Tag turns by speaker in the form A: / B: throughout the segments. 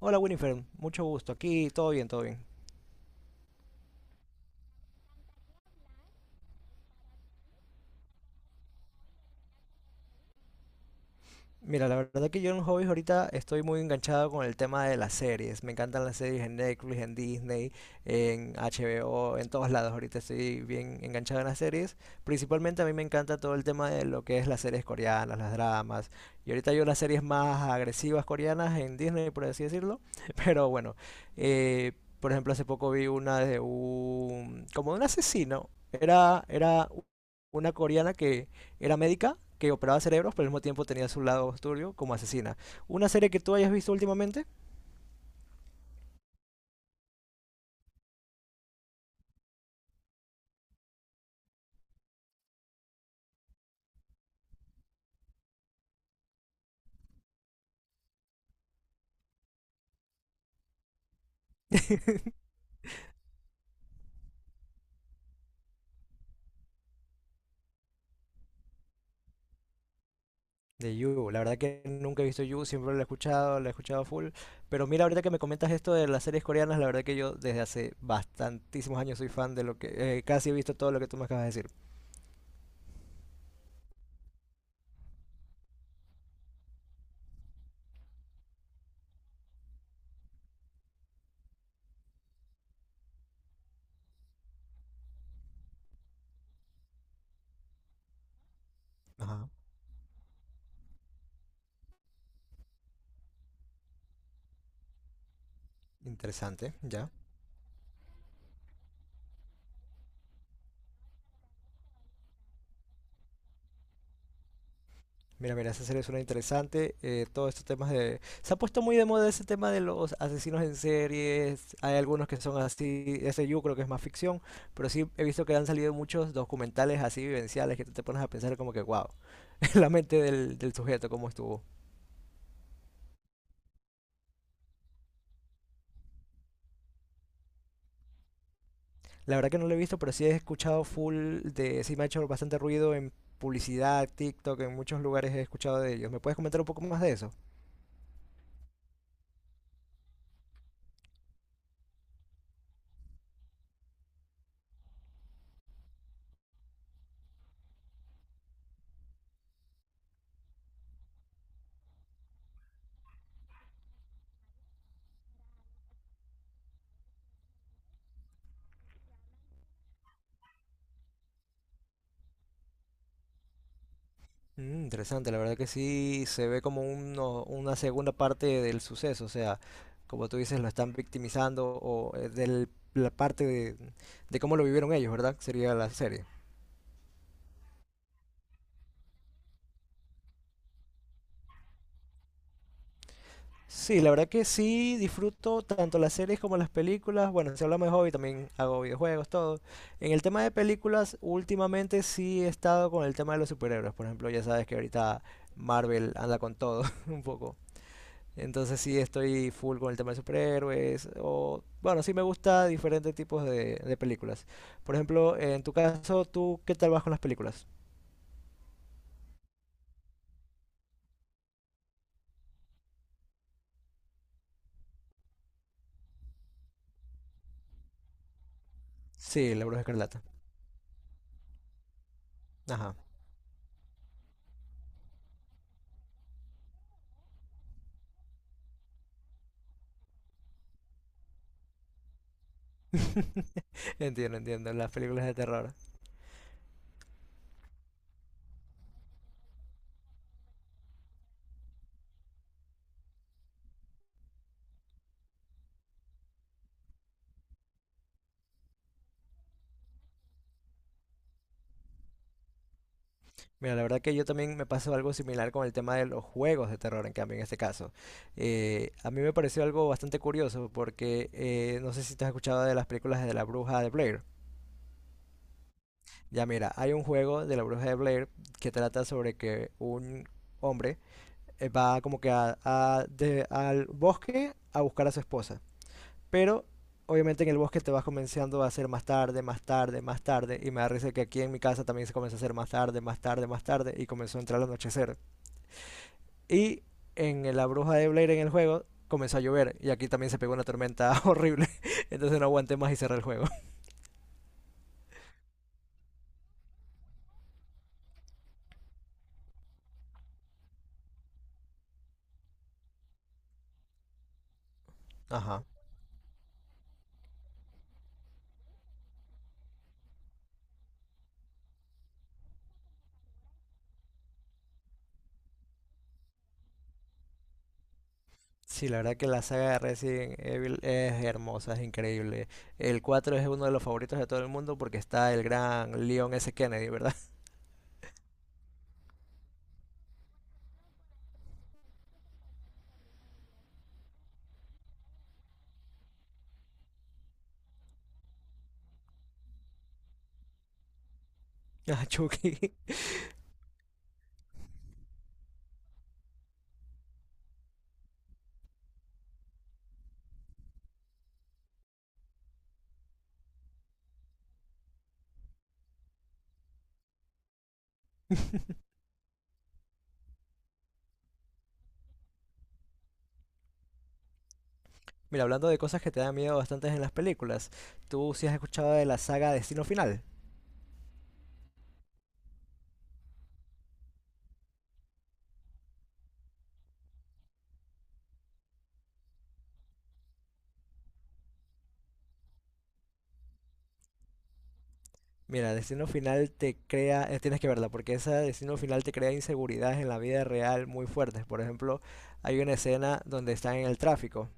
A: Hola Winifred, mucho gusto. Aquí todo bien, todo bien. Mira, la verdad que yo en hobbies ahorita estoy muy enganchado con el tema de las series. Me encantan las series en Netflix, en Disney, en HBO, en todos lados. Ahorita estoy bien enganchado en las series. Principalmente a mí me encanta todo el tema de lo que es las series coreanas, las dramas. Y ahorita yo las series más agresivas coreanas en Disney, por así decirlo. Pero bueno, eh, por ejemplo, hace poco vi una como de un asesino. Era una coreana que era médica que operaba cerebros, pero al mismo tiempo tenía su lado turbio como asesina. ¿Una serie que tú hayas visto últimamente? De You, la verdad que nunca he visto You, siempre la he escuchado full. Pero mira, ahorita que me comentas esto de las series coreanas, la verdad que yo desde hace bastantísimos años soy fan casi he visto todo lo que tú me acabas de decir. Ajá. Interesante, ya. Mira, mira, esa serie suena interesante. Todos estos temas se ha puesto muy de moda ese tema de los asesinos en series. Hay algunos que son así. Ese yo creo que es más ficción. Pero sí he visto que han salido muchos documentales así vivenciales que tú te pones a pensar como que, wow, la mente del sujeto, cómo estuvo. La verdad que no lo he visto, pero sí he escuchado. Sí me ha hecho bastante ruido en publicidad, TikTok, en muchos lugares he escuchado de ellos. ¿Me puedes comentar un poco más de eso? Interesante, la verdad que sí se ve como una segunda parte del suceso, o sea, como tú dices, lo están victimizando o la parte de cómo lo vivieron ellos, ¿verdad? Sería la serie. Sí, la verdad que sí disfruto tanto las series como las películas. Bueno, si hablamos de hobby, también hago videojuegos, todo. En el tema de películas, últimamente sí he estado con el tema de los superhéroes. Por ejemplo, ya sabes que ahorita Marvel anda con todo un poco. Entonces sí estoy full con el tema de superhéroes. O, bueno, sí me gusta diferentes tipos de películas. Por ejemplo, en tu caso, ¿tú qué tal vas con las películas? Sí, La Bruja Escarlata. Ajá, entiendo, entiendo, las películas de terror. Mira, la verdad que yo también me pasó algo similar con el tema de los juegos de terror, en cambio, en este caso. A mí me pareció algo bastante curioso porque no sé si te has escuchado de las películas de la Bruja de Blair. Ya mira, hay un juego de la Bruja de Blair que trata sobre que un hombre va como que al bosque a buscar a su esposa. Pero obviamente en el bosque te vas comenzando a hacer más tarde, más tarde, más tarde. Y me da risa que aquí en mi casa también se comenzó a hacer más tarde, más tarde, más tarde. Y comenzó a entrar el anochecer. Y en la Bruja de Blair en el juego comenzó a llover. Y aquí también se pegó una tormenta horrible. Entonces no aguanté más y cerré el juego. Ajá. Sí, la verdad que la saga de Resident Evil es hermosa, es increíble. El 4 es uno de los favoritos de todo el mundo porque está el gran Leon S. Kennedy, ¿verdad? Ah, Chucky. Mira, hablando de cosas que te dan miedo bastantes en las películas, ¿tú sí has escuchado de la saga Destino Final? Mira, Destino Final te crea, tienes que verla, porque esa Destino Final te crea inseguridades en la vida real muy fuertes. Por ejemplo, hay una escena donde están en el tráfico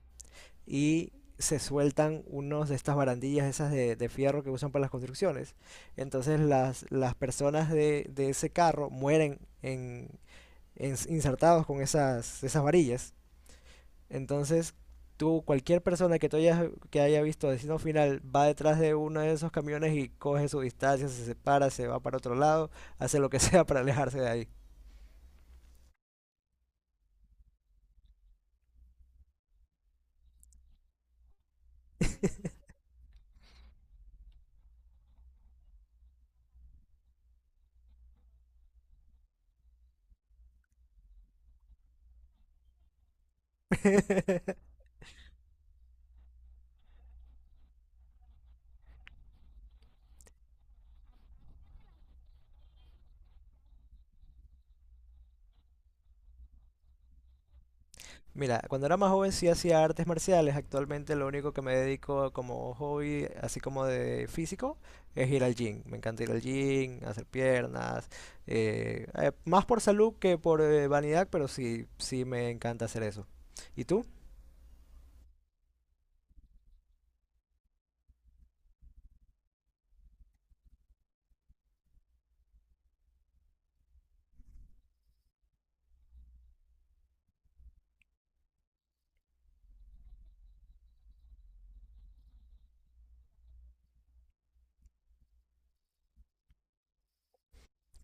A: y se sueltan unos de estas barandillas, esas de fierro que usan para las construcciones. Entonces las personas de ese carro mueren en, insertados con esas varillas. Entonces, tú, cualquier persona que haya visto Destino Final va detrás de uno de esos camiones y coge su distancia, se separa, se va para otro lado, hace lo que sea para alejarse de ahí. Mira, cuando era más joven sí hacía artes marciales. Actualmente lo único que me dedico como hobby, así como de físico, es ir al gym. Me encanta ir al gym, hacer piernas. Más por salud que por vanidad, pero sí, sí me encanta hacer eso. ¿Y tú?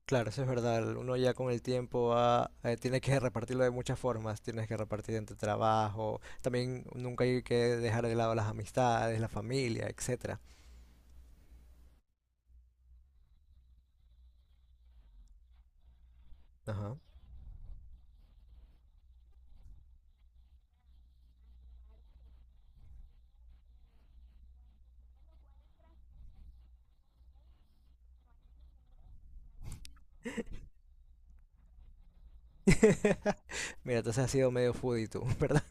A: Claro, eso es verdad. Uno ya con el tiempo va, tiene que repartirlo de muchas formas. Tienes que repartir entre trabajo. También nunca hay que dejar de lado las amistades, la familia, etcétera. Ajá. Mira, entonces has sido medio foodie tú, ¿verdad?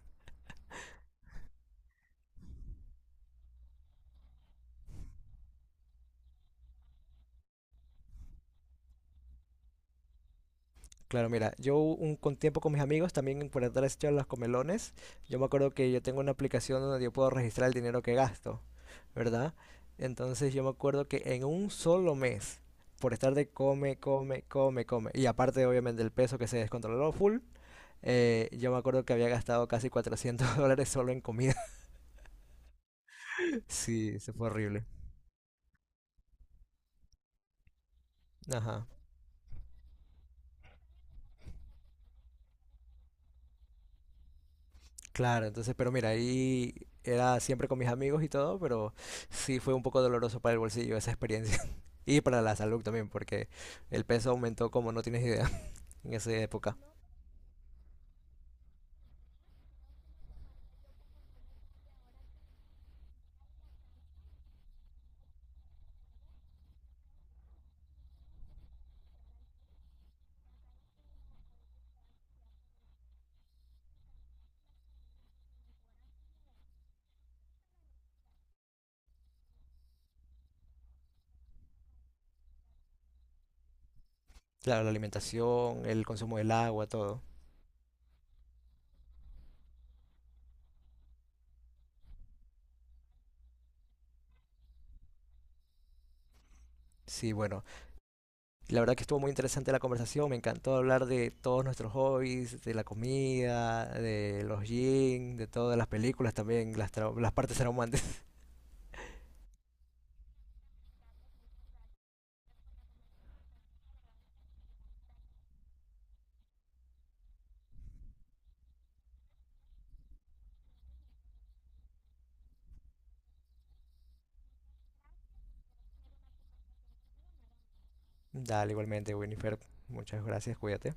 A: Claro, mira, yo un con tiempo con mis amigos también por entrar a los comelones. Yo me acuerdo que yo tengo una aplicación donde yo puedo registrar el dinero que gasto. ¿Verdad? Entonces yo me acuerdo que en un solo mes, por estar de come, come, come, come, y aparte obviamente el peso que se descontroló full, yo me acuerdo que había gastado casi 400 dólares solo en comida. Sí, eso fue horrible. Ajá. Claro, entonces, pero mira, ahí era siempre con mis amigos y todo, pero sí fue un poco doloroso para el bolsillo esa experiencia. Y para la salud también, porque el peso aumentó como no tienes idea en esa época. Claro, la alimentación, el consumo del agua, todo. Sí, bueno, la verdad que estuvo muy interesante la conversación, me encantó hablar de todos nuestros hobbies, de la comida, de los jeans, de todas las películas también, las partes traumantes. Dale, igualmente, Winifred, muchas gracias, cuídate.